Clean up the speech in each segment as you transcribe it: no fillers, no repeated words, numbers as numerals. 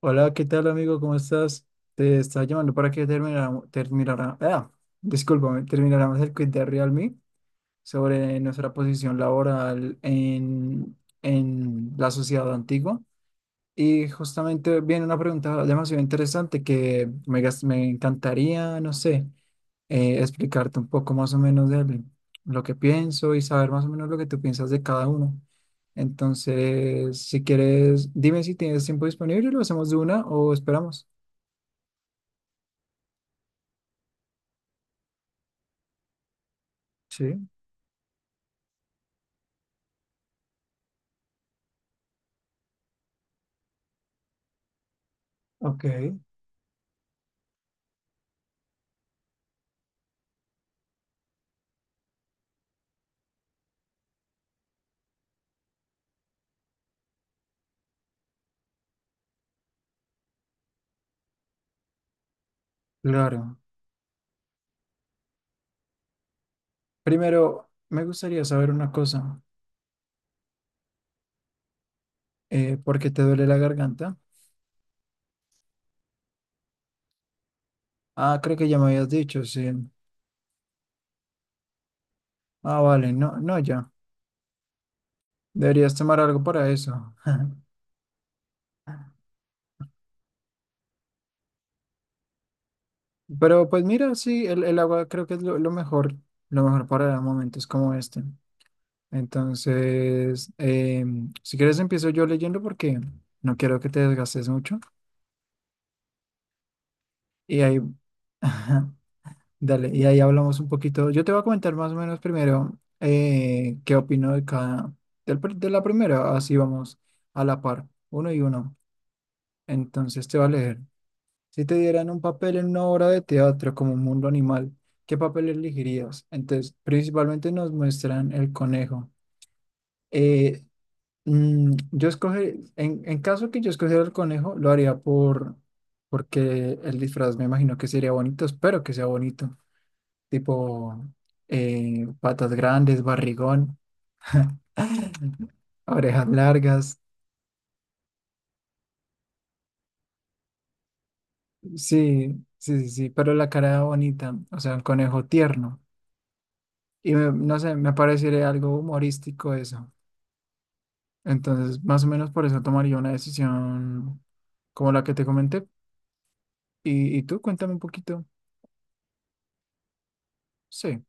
Hola, ¿qué tal amigo? ¿Cómo estás? Te estaba llamando para que termináramos, terminara, ah, discúlpame, termináramos el quiz de Realme sobre nuestra posición laboral en la sociedad antigua. Y justamente viene una pregunta demasiado interesante que me encantaría, no sé, explicarte un poco más o menos de lo que pienso y saber más o menos lo que tú piensas de cada uno. Entonces, si quieres, dime si tienes tiempo disponible, lo hacemos de una o esperamos. Sí, ok, claro. Primero, me gustaría saber una cosa. ¿Por qué te duele la garganta? Ah, creo que ya me habías dicho, sí. Ah, vale, no, no, ya. Deberías tomar algo para eso. Pero pues mira, sí, el agua creo que es lo mejor para momentos como este. Entonces, si quieres empiezo yo leyendo porque no quiero que te desgastes mucho. Y ahí, dale, y ahí hablamos un poquito. Yo te voy a comentar más o menos primero qué opino de de la primera. Así vamos a la par, uno y uno. Entonces te va a leer. Si te dieran un papel en una obra de teatro como un mundo animal, ¿qué papel elegirías? Entonces, principalmente nos muestran el conejo. Eh, en caso que yo escogiera el conejo, lo haría porque el disfraz me imagino que sería bonito, espero que sea bonito, tipo patas grandes, barrigón, orejas largas, sí, sí, sí, sí, pero la cara bonita, o sea, un conejo tierno. No sé, me parecería algo humorístico eso. Entonces, más o menos por eso tomaría una decisión como la que te comenté. Y tú? Cuéntame un poquito. Sí.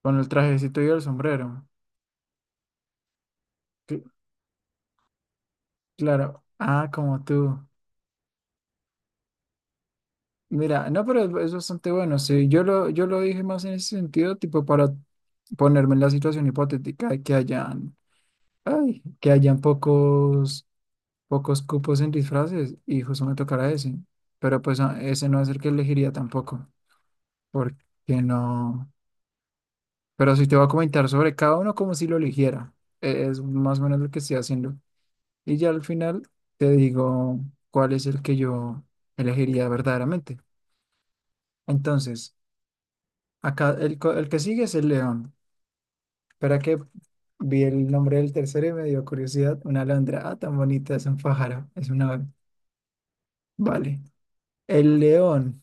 Con el trajecito y el sombrero. Cl- Claro. Ah, como tú. Mira, no, pero es bastante bueno. Sí, yo lo dije más en ese sentido, tipo para ponerme en la situación hipotética de que hayan pocos, pocos cupos en disfraces y justo me tocará ese. Pero pues ah, ese no es el que elegiría tampoco, porque no. Pero sí te voy a comentar sobre cada uno como si lo eligiera. Es más o menos lo que estoy haciendo. Y ya al final te digo cuál es el que yo elegiría verdaderamente. Entonces, acá el que sigue es el león. Para que vi el nombre del tercero y me dio curiosidad. Una alondra. Ah, tan bonita, es un pájaro, es una ave. Vale. El león.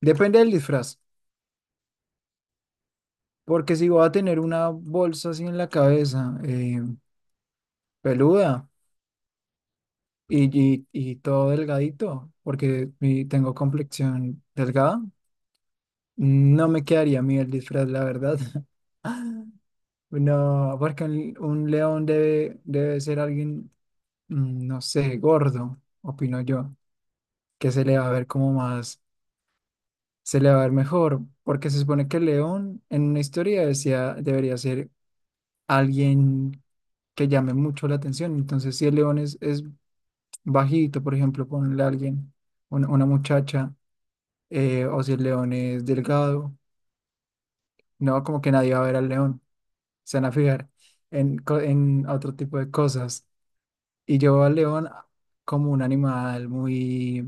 Depende del disfraz. Porque si voy a tener una bolsa así en la cabeza, peluda y todo delgadito, porque tengo complexión delgada. No me quedaría a mí el disfraz, la verdad. No, porque un león debe ser alguien, mm, no sé, gordo, opino yo, que se le va a ver como se le va a ver mejor, porque se supone que el león en una historia decía, debería ser alguien que llame mucho la atención. Entonces, si el león es bajito, por ejemplo, ponle a alguien, una muchacha, o si el león es delgado, no, como que nadie va a ver al león, se van a fijar en otro tipo de cosas. Y yo veo al león como un animal muy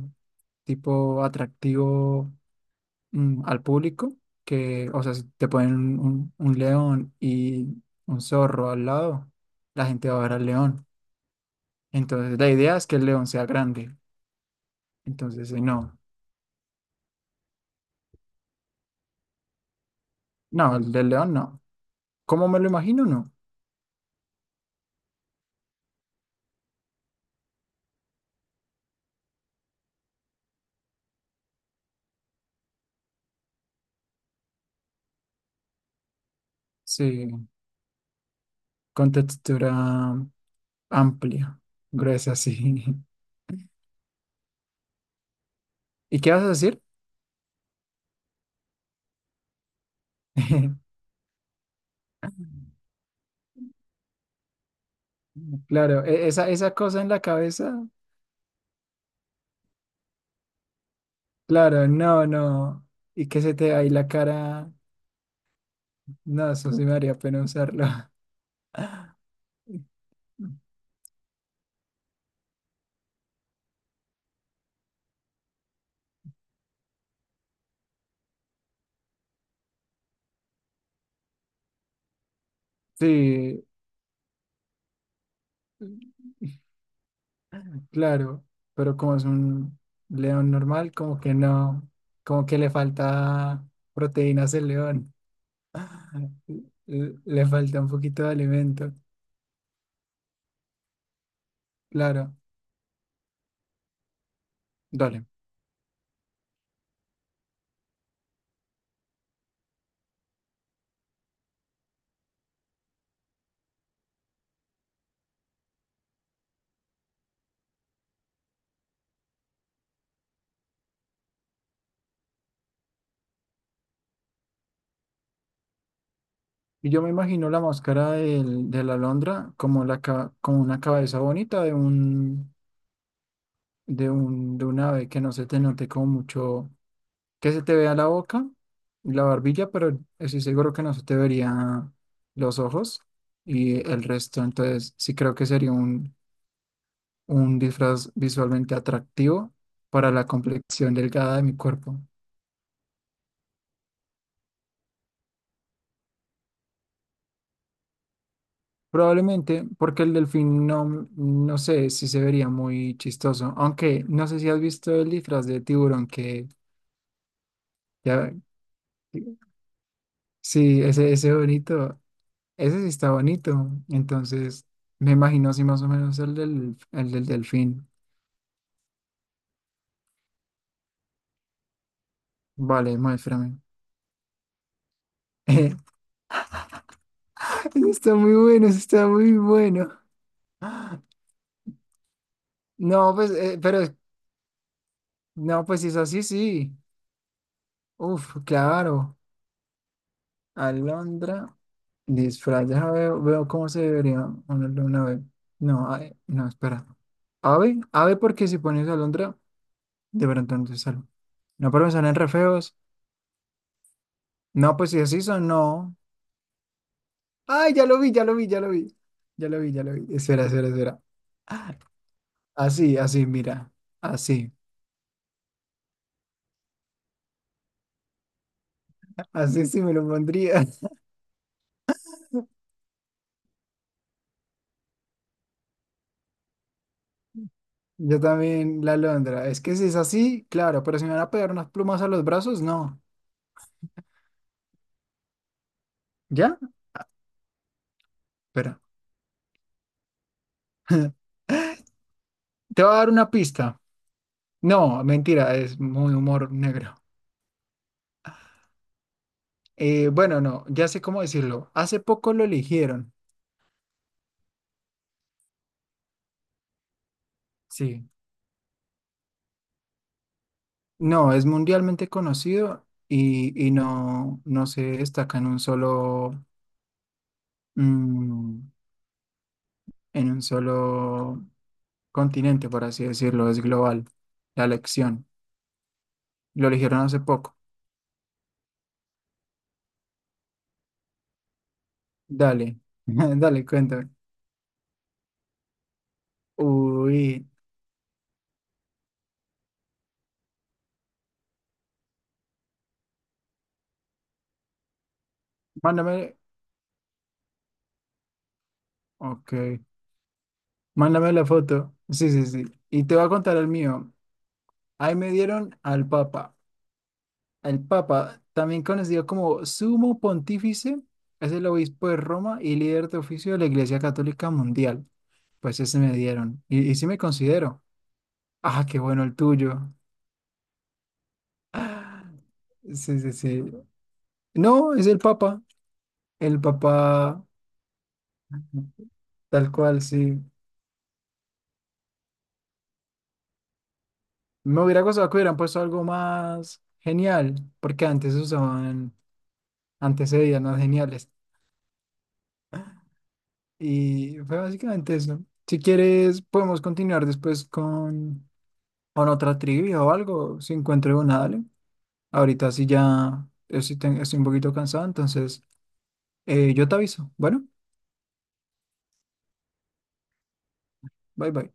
tipo atractivo, mm, al público, que, o sea, si te ponen un león y un zorro al lado, la gente va a ver al león. Entonces la idea es que el león sea grande. Entonces, no, no, el del león no. ¿Cómo me lo imagino? No. Sí, con textura amplia, gruesa, sí. ¿Y qué vas a decir? Claro, esa, esa cosa en la cabeza. Claro, no, no. Y que se te ahí la cara. No, eso sí me haría pena usarlo. Sí, claro. Pero como es un león normal, como que no. Como que le falta proteínas al león. Le falta un poquito de alimento. Claro, dale. Y yo me imagino la máscara de la alondra como una cabeza bonita de de un ave que no se te note como mucho. Que se te vea la boca y la barbilla, pero estoy seguro que no se te vería los ojos y el resto. Entonces, sí creo que sería un disfraz visualmente atractivo para la complexión delgada de mi cuerpo. Probablemente porque el delfín no, no sé si se vería muy chistoso, aunque no sé si has visto el disfraz de tiburón que ya, sí, ese bonito. Ese sí está bonito. Entonces, me imagino así más o menos el del delfín. Vale, muéstrame. Ese está muy bueno, ese está muy bueno. Ah, no, pues, no, pues si es así, sí. Uf, claro. Alondra, disfraz, déjame veo, veo cómo se debería ponerle una ave. No, no, espera. Ave, ave porque si pones alondra, de pronto no te sale. No, pero me salen re feos. No, pues si así son, no. Ay, ya lo vi, ya lo vi, ya lo vi. Ya lo vi, ya lo vi. Espera, espera, espera. Así, así, mira. Así. Así sí me lo pondría. Yo también la alondra. Es que si es así, claro, pero si me van a pegar unas plumas a los brazos, no. ¿Ya? Espera. Te voy a dar una pista. No, mentira, es muy humor negro. Bueno, no, ya sé cómo decirlo. Hace poco lo eligieron. Sí. No, es mundialmente conocido y no, no se destaca en un solo. Mm, en un solo continente, por así decirlo, es global la elección. Lo eligieron hace poco. Dale, dale, cuéntame. Uy, mándame, ok, mándame la foto. Sí, sí, sí. Y te voy a contar el mío. Ahí me dieron al Papa. El Papa, también conocido como Sumo Pontífice, es el obispo de Roma y líder de oficio de la Iglesia Católica Mundial. Pues ese me dieron. Y sí me considero. Ah, qué bueno el tuyo. Sí, sí, sí. No, es el Papa. El Papa, tal cual, sí. Me hubiera gustado que hubieran puesto algo más genial, porque antes usaban, antes se veían más geniales. Y fue básicamente eso. Si quieres, podemos continuar después con otra trivia o algo, si encuentro una, dale. Ahorita sí ya estoy un poquito cansado, entonces yo te aviso. Bueno, bye bye.